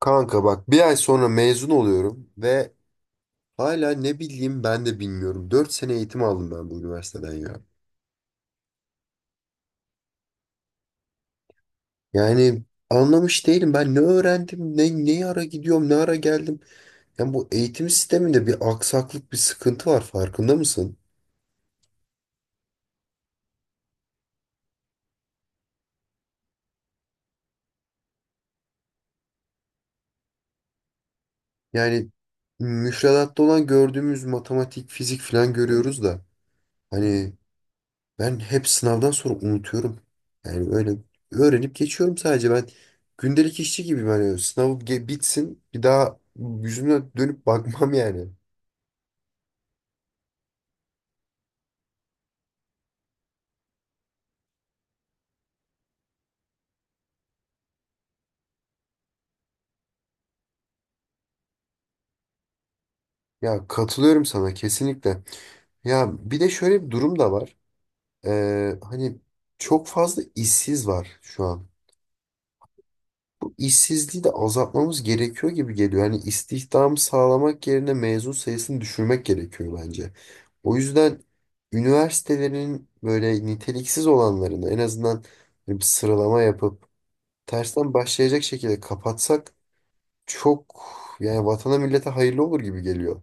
Kanka, bak, bir ay sonra mezun oluyorum ve hala ne bileyim, ben de bilmiyorum. 4 sene eğitim aldım ben bu üniversiteden ya. Yani anlamış değilim, ben ne öğrendim, ne ara gidiyorum, ne ara geldim. Yani bu eğitim sisteminde bir aksaklık, bir sıkıntı var, farkında mısın? Yani müfredatta olan gördüğümüz matematik, fizik falan görüyoruz da, hani, ben hep sınavdan sonra unutuyorum. Yani öyle, öğrenip geçiyorum sadece. Ben gündelik işçi gibiyim. Hani sınav bitsin, bir daha yüzüme dönüp bakmam yani. Ya katılıyorum sana kesinlikle. Ya, bir de şöyle bir durum da var. Hani çok fazla işsiz var şu an. İşsizliği de azaltmamız gerekiyor gibi geliyor. Yani istihdamı sağlamak yerine mezun sayısını düşürmek gerekiyor bence. O yüzden üniversitelerin böyle niteliksiz olanlarını en azından bir sıralama yapıp tersten başlayacak şekilde kapatsak çok, yani, vatana millete hayırlı olur gibi geliyor.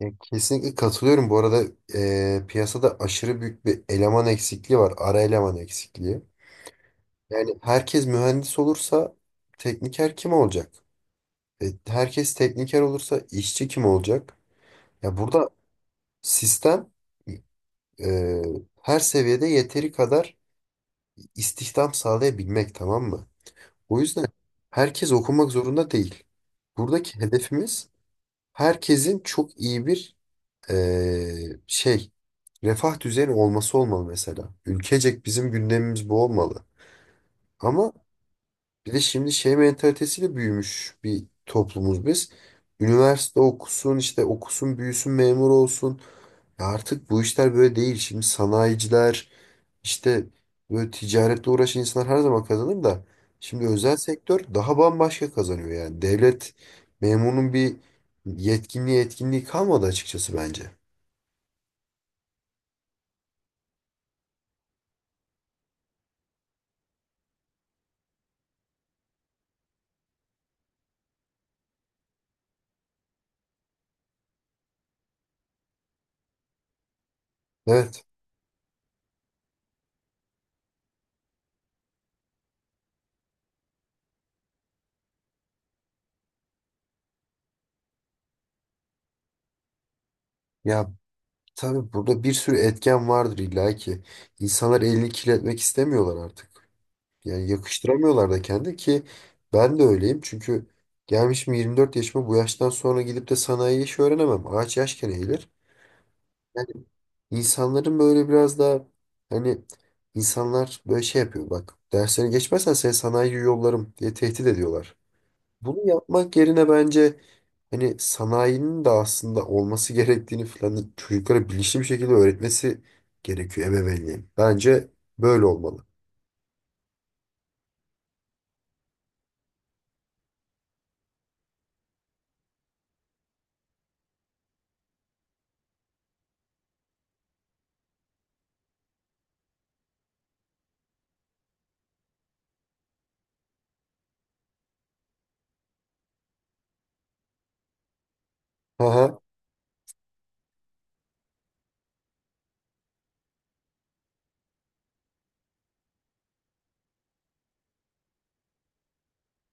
Ya, kesinlikle katılıyorum. Bu arada, piyasada aşırı büyük bir eleman eksikliği var. Ara eleman eksikliği. Yani herkes mühendis olursa tekniker kim olacak? Herkes tekniker olursa işçi kim olacak? Ya, burada sistem e, her seviyede yeteri kadar istihdam sağlayabilmek, tamam mı? O yüzden herkes okumak zorunda değil. Buradaki hedefimiz herkesin çok iyi bir şey, refah düzeyinin olması olmalı mesela. Ülkecek bizim gündemimiz bu olmalı. Ama bir de şimdi şey mentalitesiyle büyümüş bir toplumuz biz. Üniversite okusun, işte okusun büyüsün memur olsun. Ya, artık bu işler böyle değil. Şimdi sanayiciler, işte, böyle ticaretle uğraşan insanlar her zaman kazanır da. Şimdi özel sektör daha bambaşka kazanıyor yani. Devlet memurunun bir yetkinliği, etkinliği kalmadı açıkçası bence. Evet. Ya, tabii burada bir sürü etken vardır illa ki. İnsanlar elini kirletmek istemiyorlar artık. Yani yakıştıramıyorlar da kendi ki, ben de öyleyim. Çünkü gelmişim 24 yaşıma, bu yaştan sonra gidip de sanayi işi öğrenemem. Ağaç yaşken eğilir. Yani insanların böyle biraz daha, hani, insanlar böyle şey yapıyor, bak, dersleri geçmezsen seni sanayiye yollarım diye tehdit ediyorlar. Bunu yapmak yerine bence, hani, sanayinin de aslında olması gerektiğini falan çocuklara bilinçli bir şekilde öğretmesi gerekiyor ebeveynliğin. Bence böyle olmalı. Aha.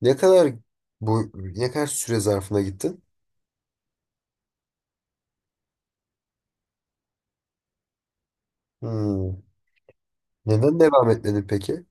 Ne kadar bu ne kadar süre zarfına gittin? Hmm. Neden devam etmedin peki?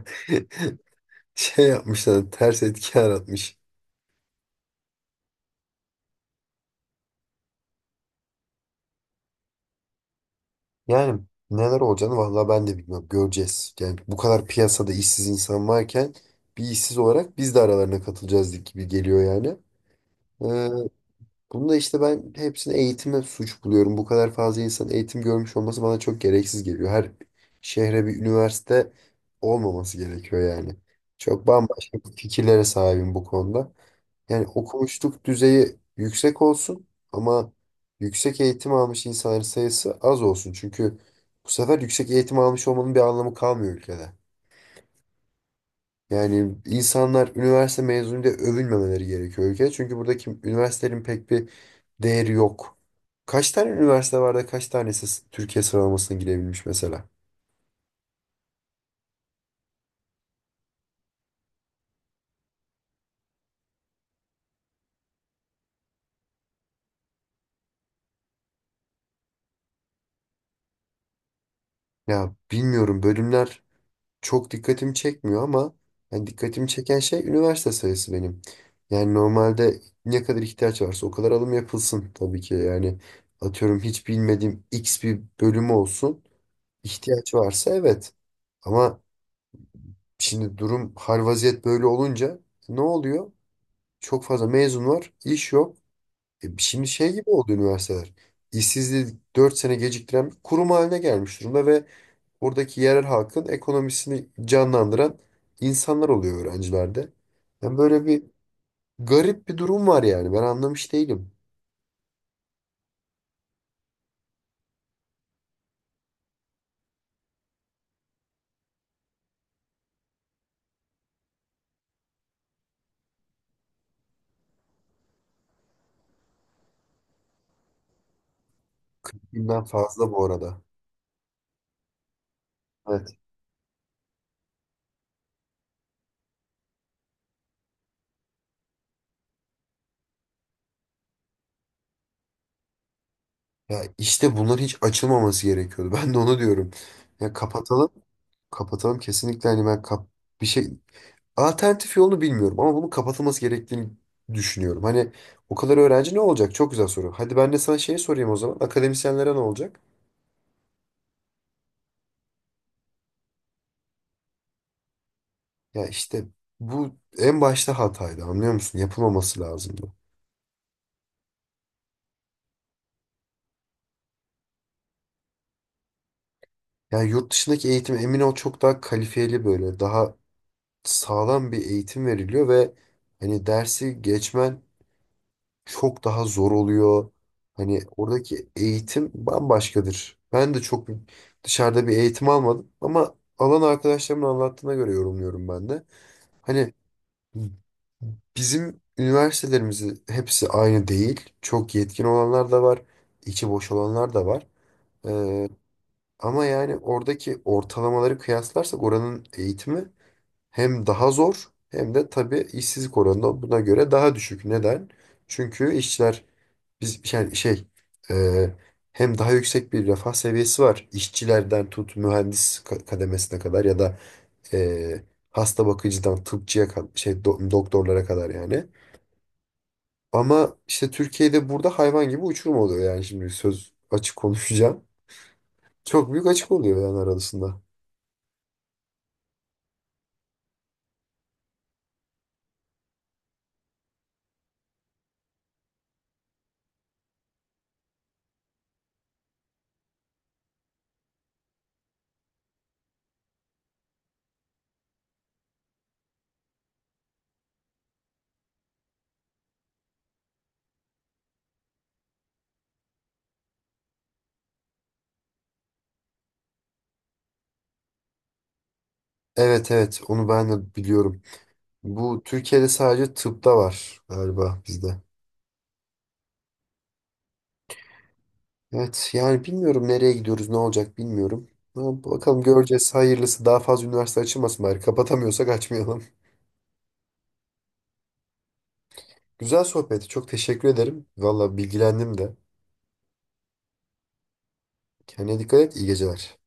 Şey yapmışlar, ters etki yaratmış. Yani neler olacağını vallahi ben de bilmiyorum. Göreceğiz. Yani bu kadar piyasada işsiz insan varken bir işsiz olarak biz de aralarına katılacağız gibi geliyor yani. Ee, Bunu da işte ben hepsini eğitime suç buluyorum. Bu kadar fazla insan eğitim görmüş olması bana çok gereksiz geliyor. Her şehre bir üniversite olmaması gerekiyor yani. Çok bambaşka fikirlere sahibim bu konuda. Yani okumuşluk düzeyi yüksek olsun ama yüksek eğitim almış insanların sayısı az olsun. Çünkü bu sefer yüksek eğitim almış olmanın bir anlamı kalmıyor ülkede. Yani insanlar üniversite mezunuyla övünmemeleri gerekiyor ülkede. Çünkü buradaki üniversitelerin pek bir değeri yok. Kaç tane üniversite var da kaç tanesi Türkiye sıralamasına girebilmiş mesela? Ya, bilmiyorum, bölümler çok dikkatimi çekmiyor ama yani dikkatimi çeken şey üniversite sayısı benim. Yani normalde ne kadar ihtiyaç varsa o kadar alım yapılsın tabii ki. Yani atıyorum, hiç bilmediğim X bir bölümü olsun. İhtiyaç varsa, evet. Ama şimdi durum hal vaziyet böyle olunca ne oluyor? Çok fazla mezun var, iş yok. Şimdi şey gibi oldu üniversiteler. İşsizliği 4 sene geciktiren bir kurum haline gelmiş durumda ve oradaki yerel halkın ekonomisini canlandıran insanlar oluyor öğrencilerde. Yani böyle bir garip bir durum var yani. Ben anlamış değilim. Binden fazla bu arada. Evet. Ya, işte bunlar hiç açılmaması gerekiyordu. Ben de onu diyorum. Ya, kapatalım. Kapatalım kesinlikle, hani, ben kap bir şey, alternatif yolunu bilmiyorum ama bunun kapatılması gerektiğini düşünüyorum. Hani o kadar öğrenci ne olacak? Çok güzel soru. Hadi ben de sana şey sorayım o zaman. Akademisyenlere ne olacak? Ya, işte bu en başta hataydı, anlıyor musun? Yapılmaması lazımdı. Yani yurt dışındaki eğitim, emin ol, çok daha kalifiyeli, böyle daha sağlam bir eğitim veriliyor ve hani dersi geçmen çok daha zor oluyor. Hani oradaki eğitim bambaşkadır. Ben de çok dışarıda bir eğitim almadım ama alan arkadaşlarımın anlattığına göre yorumluyorum ben de. Hani bizim üniversitelerimizi hepsi aynı değil. Çok yetkin olanlar da var. İçi boş olanlar da var. Ee, ama yani oradaki ortalamaları kıyaslarsak oranın eğitimi hem daha zor hem de tabii işsizlik oranı da buna göre daha düşük. Neden? Çünkü işçiler biz yani, şey, e, hem daha yüksek bir refah seviyesi var. İşçilerden tut mühendis kademesine kadar ya da e, hasta bakıcıdan tıpçıya doktorlara kadar yani. Ama işte Türkiye'de burada hayvan gibi uçurum oluyor yani, şimdi söz, açık konuşacağım. Çok büyük açık oluyor yani arasında. Evet, evet, onu ben de biliyorum. Bu Türkiye'de sadece tıpta var galiba bizde. Evet, yani bilmiyorum nereye gidiyoruz, ne olacak, bilmiyorum. Ama bakalım göreceğiz, hayırlısı, daha fazla üniversite açılmasın, bari kapatamıyorsak açmayalım. Güzel sohbeti, çok teşekkür ederim. Valla bilgilendim de. Kendine dikkat et, iyi geceler.